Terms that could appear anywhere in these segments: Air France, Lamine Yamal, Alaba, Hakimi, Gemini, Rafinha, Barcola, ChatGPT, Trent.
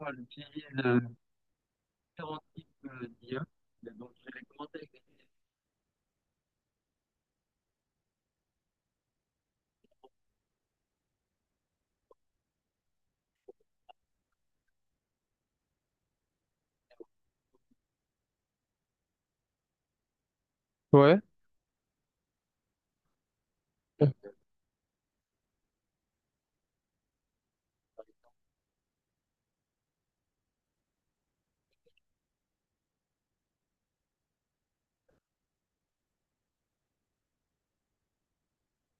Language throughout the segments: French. Moi, j'utilise différents types d'IA. Donc, je vais commencer avec des. Ouais,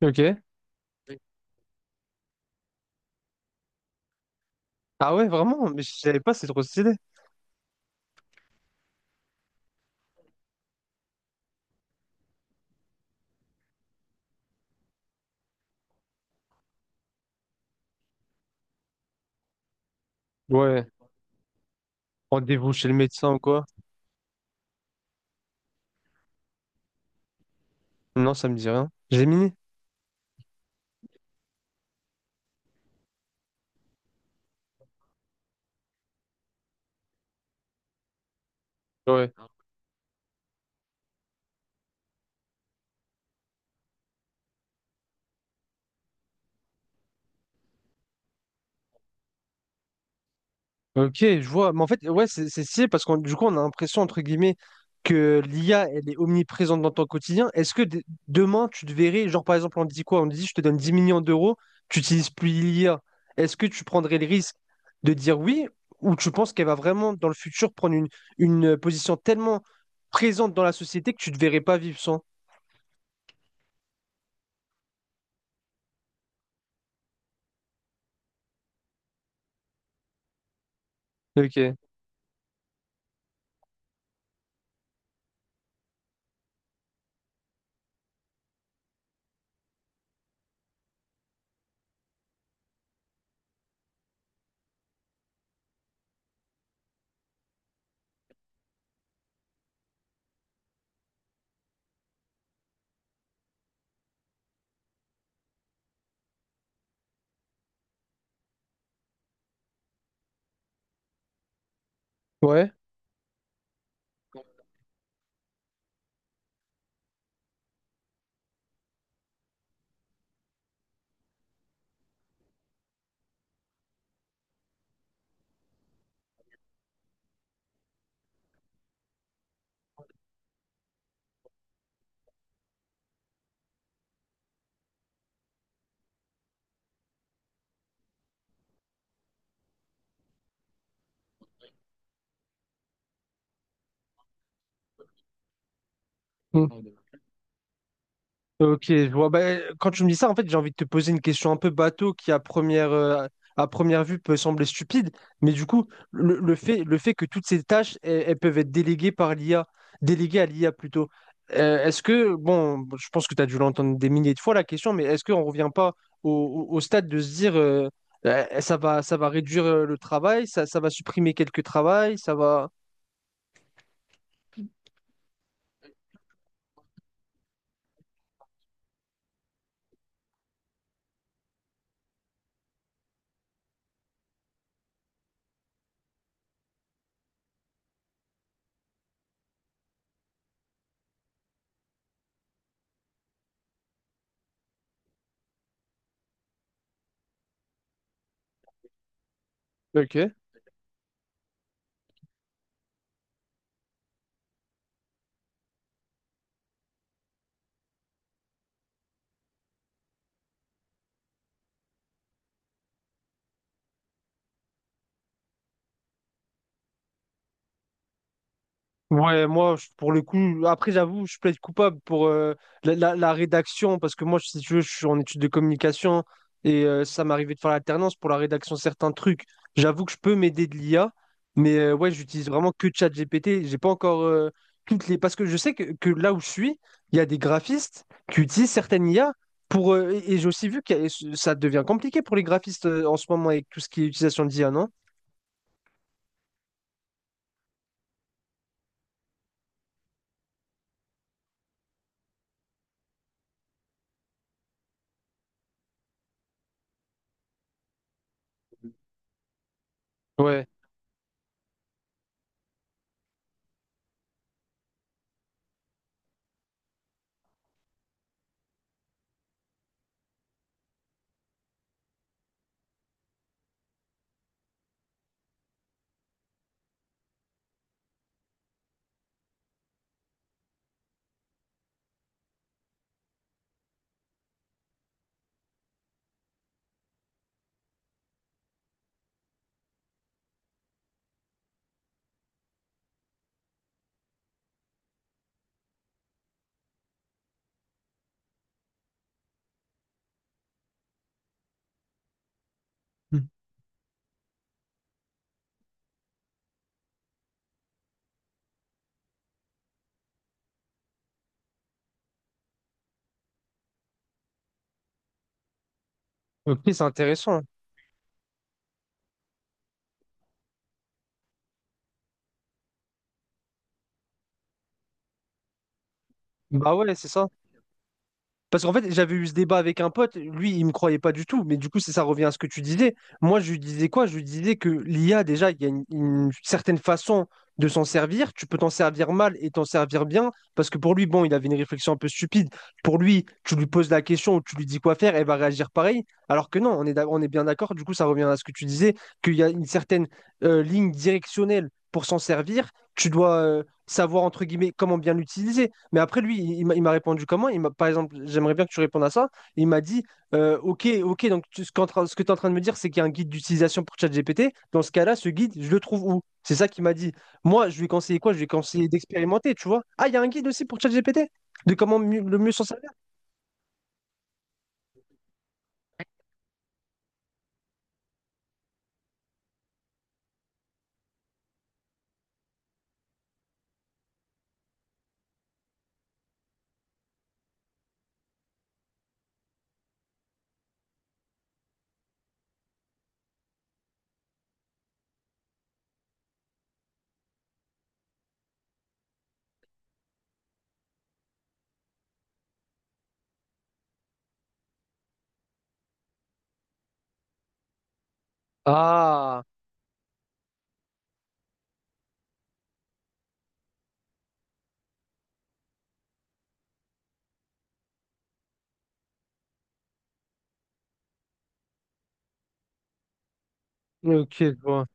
ok. des- Ah ouais, vraiment? Mais je savais pas, c'est trop stylé. Ouais. Rendez-vous chez le médecin ou quoi? Non, ça me dit rien. Gemini? Ouais. Ok, je vois. Mais en fait, ouais, c'est stylé parce qu'on du coup, on a l'impression, entre guillemets, que l'IA, elle est omniprésente dans ton quotidien. Est-ce que demain, tu te verrais, genre par exemple, on te dit quoi? On te dit, je te donne 10 millions d'euros, tu n'utilises plus l'IA. Est-ce que tu prendrais le risque de dire oui ou tu penses qu'elle va vraiment, dans le futur, prendre une position tellement présente dans la société que tu ne te verrais pas vivre sans? Ok. Ouais. Mm. Ok, je vois. Bah, quand tu me dis ça, en fait, j'ai envie de te poser une question un peu bateau qui, à première vue, peut sembler stupide. Mais du coup, le fait, le fait que toutes ces tâches, elles peuvent être déléguées par l'IA, déléguées à l'IA plutôt. Est-ce que, bon, je pense que tu as dû l'entendre des milliers de fois la question, mais est-ce qu'on ne revient pas au stade de se dire ça va réduire le travail, ça va supprimer quelques travails, ça va. Ok. Ouais, moi, pour le coup, après, j'avoue, je plaide coupable pour la rédaction, parce que moi, si tu veux, je suis en études de communication et ça m'arrivait de faire l'alternance pour la rédaction de certains trucs. J'avoue que je peux m'aider de l'IA, mais ouais, j'utilise vraiment que ChatGPT. J'ai pas encore toutes les. Parce que je sais que là où je suis, il y a des graphistes qui utilisent certaines IA pour. Et j'ai aussi vu que ça devient compliqué pour les graphistes en ce moment avec tout ce qui est utilisation d'IA, non? Ouais. Mm. Ok, c'est intéressant. Bah ouais, c'est ça. Parce qu'en fait, j'avais eu ce débat avec un pote, lui, il me croyait pas du tout, mais du coup, ça revient à ce que tu disais. Moi, je lui disais quoi? Je lui disais que l'IA, déjà, il y a une certaine façon de s'en servir. Tu peux t'en servir mal et t'en servir bien, parce que pour lui, bon, il avait une réflexion un peu stupide. Pour lui, tu lui poses la question ou tu lui dis quoi faire, elle va réagir pareil. Alors que non, on est, on est bien d'accord, du coup, ça revient à ce que tu disais, qu'il y a une certaine ligne directionnelle pour s'en servir. Tu dois savoir, entre guillemets, comment bien l'utiliser. Mais après, lui, il m'a répondu comment? Il m'a, par exemple, j'aimerais bien que tu répondes à ça. Il m'a dit, OK, OK, donc ce que tu es en train de me dire, c'est qu'il y a un guide d'utilisation pour ChatGPT. Dans ce cas-là, ce guide, je le trouve où? C'est ça qu'il m'a dit. Moi, je lui ai conseillé quoi? Je lui ai conseillé d'expérimenter, tu vois. Ah, il y a un guide aussi pour ChatGPT? De comment le mieux s'en servir? Ah, ok, je vois.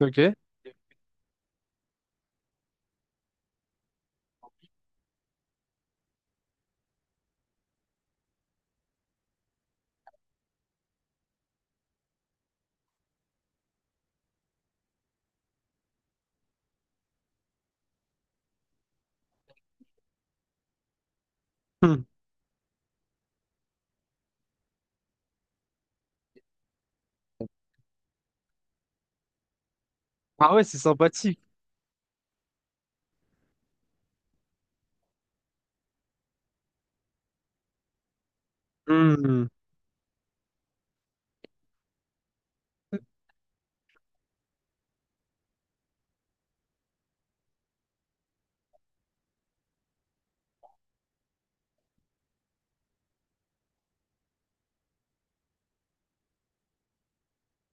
Ok. Hmm. Ah ouais, c'est sympathique. Hmm.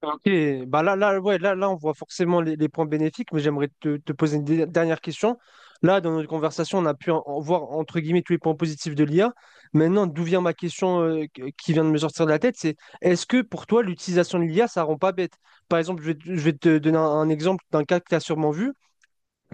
Ok, bah là, là, ouais, là, là, on voit forcément les points bénéfiques, mais j'aimerais te poser une dernière question. Là, dans notre conversation, on a pu en voir entre guillemets tous les points positifs de l'IA. Maintenant, d'où vient ma question qui vient de me sortir de la tête, c'est est-ce que pour toi, l'utilisation de l'IA, ça rend pas bête? Par exemple, je vais te donner un exemple d'un cas que tu as sûrement vu.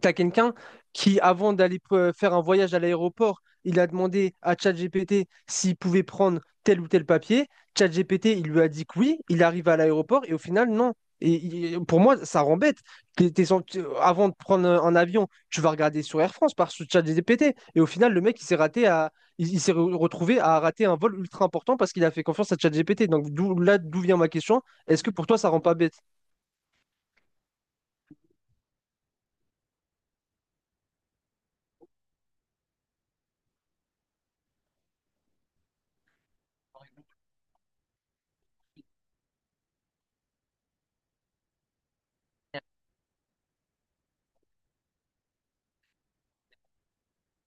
T'as quelqu'un qui, avant d'aller faire un voyage à l'aéroport, il a demandé à ChatGPT s'il pouvait prendre tel ou tel papier. ChatGPT, il lui a dit que oui. Il arrive à l'aéroport et au final, non. Et pour moi, ça rend bête. T'es- t'es sans- tu- Avant de prendre un avion, tu vas regarder sur Air France par sur ChatGPT. Et au final, le mec, il s'est raté à, il s'est re- retrouvé à rater un vol ultra important parce qu'il a fait confiance à ChatGPT. Donc d'où, là, d'où vient ma question. Est-ce que pour toi, ça rend pas bête?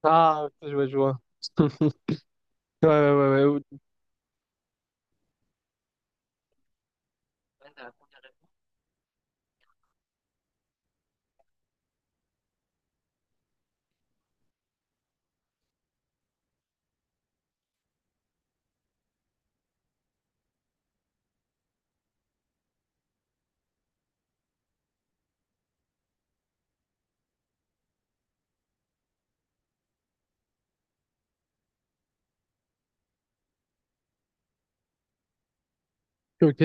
Ah, ok, je vois, je vois. Ouais, ouais, ouais, ouais. Ok.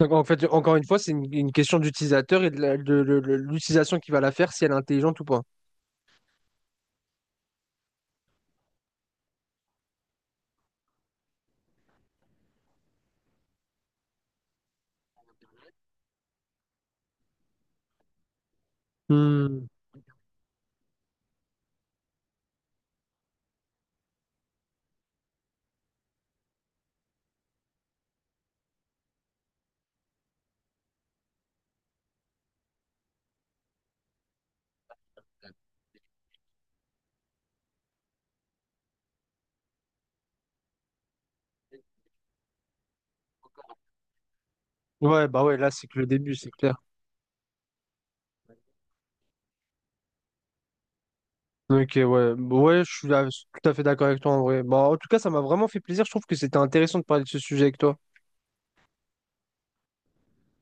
Donc, en fait, encore une fois, c'est une question d'utilisateur et de l'utilisation qu'il va la faire, si elle est intelligente ou pas. Hmm. Ouais, bah ouais, là, c'est que le début, c'est clair. Ok, ouais, ouais, je suis tout à fait d'accord avec toi en vrai. Bah, en tout cas, ça m'a vraiment fait plaisir. Je trouve que c'était intéressant de parler de ce sujet avec toi.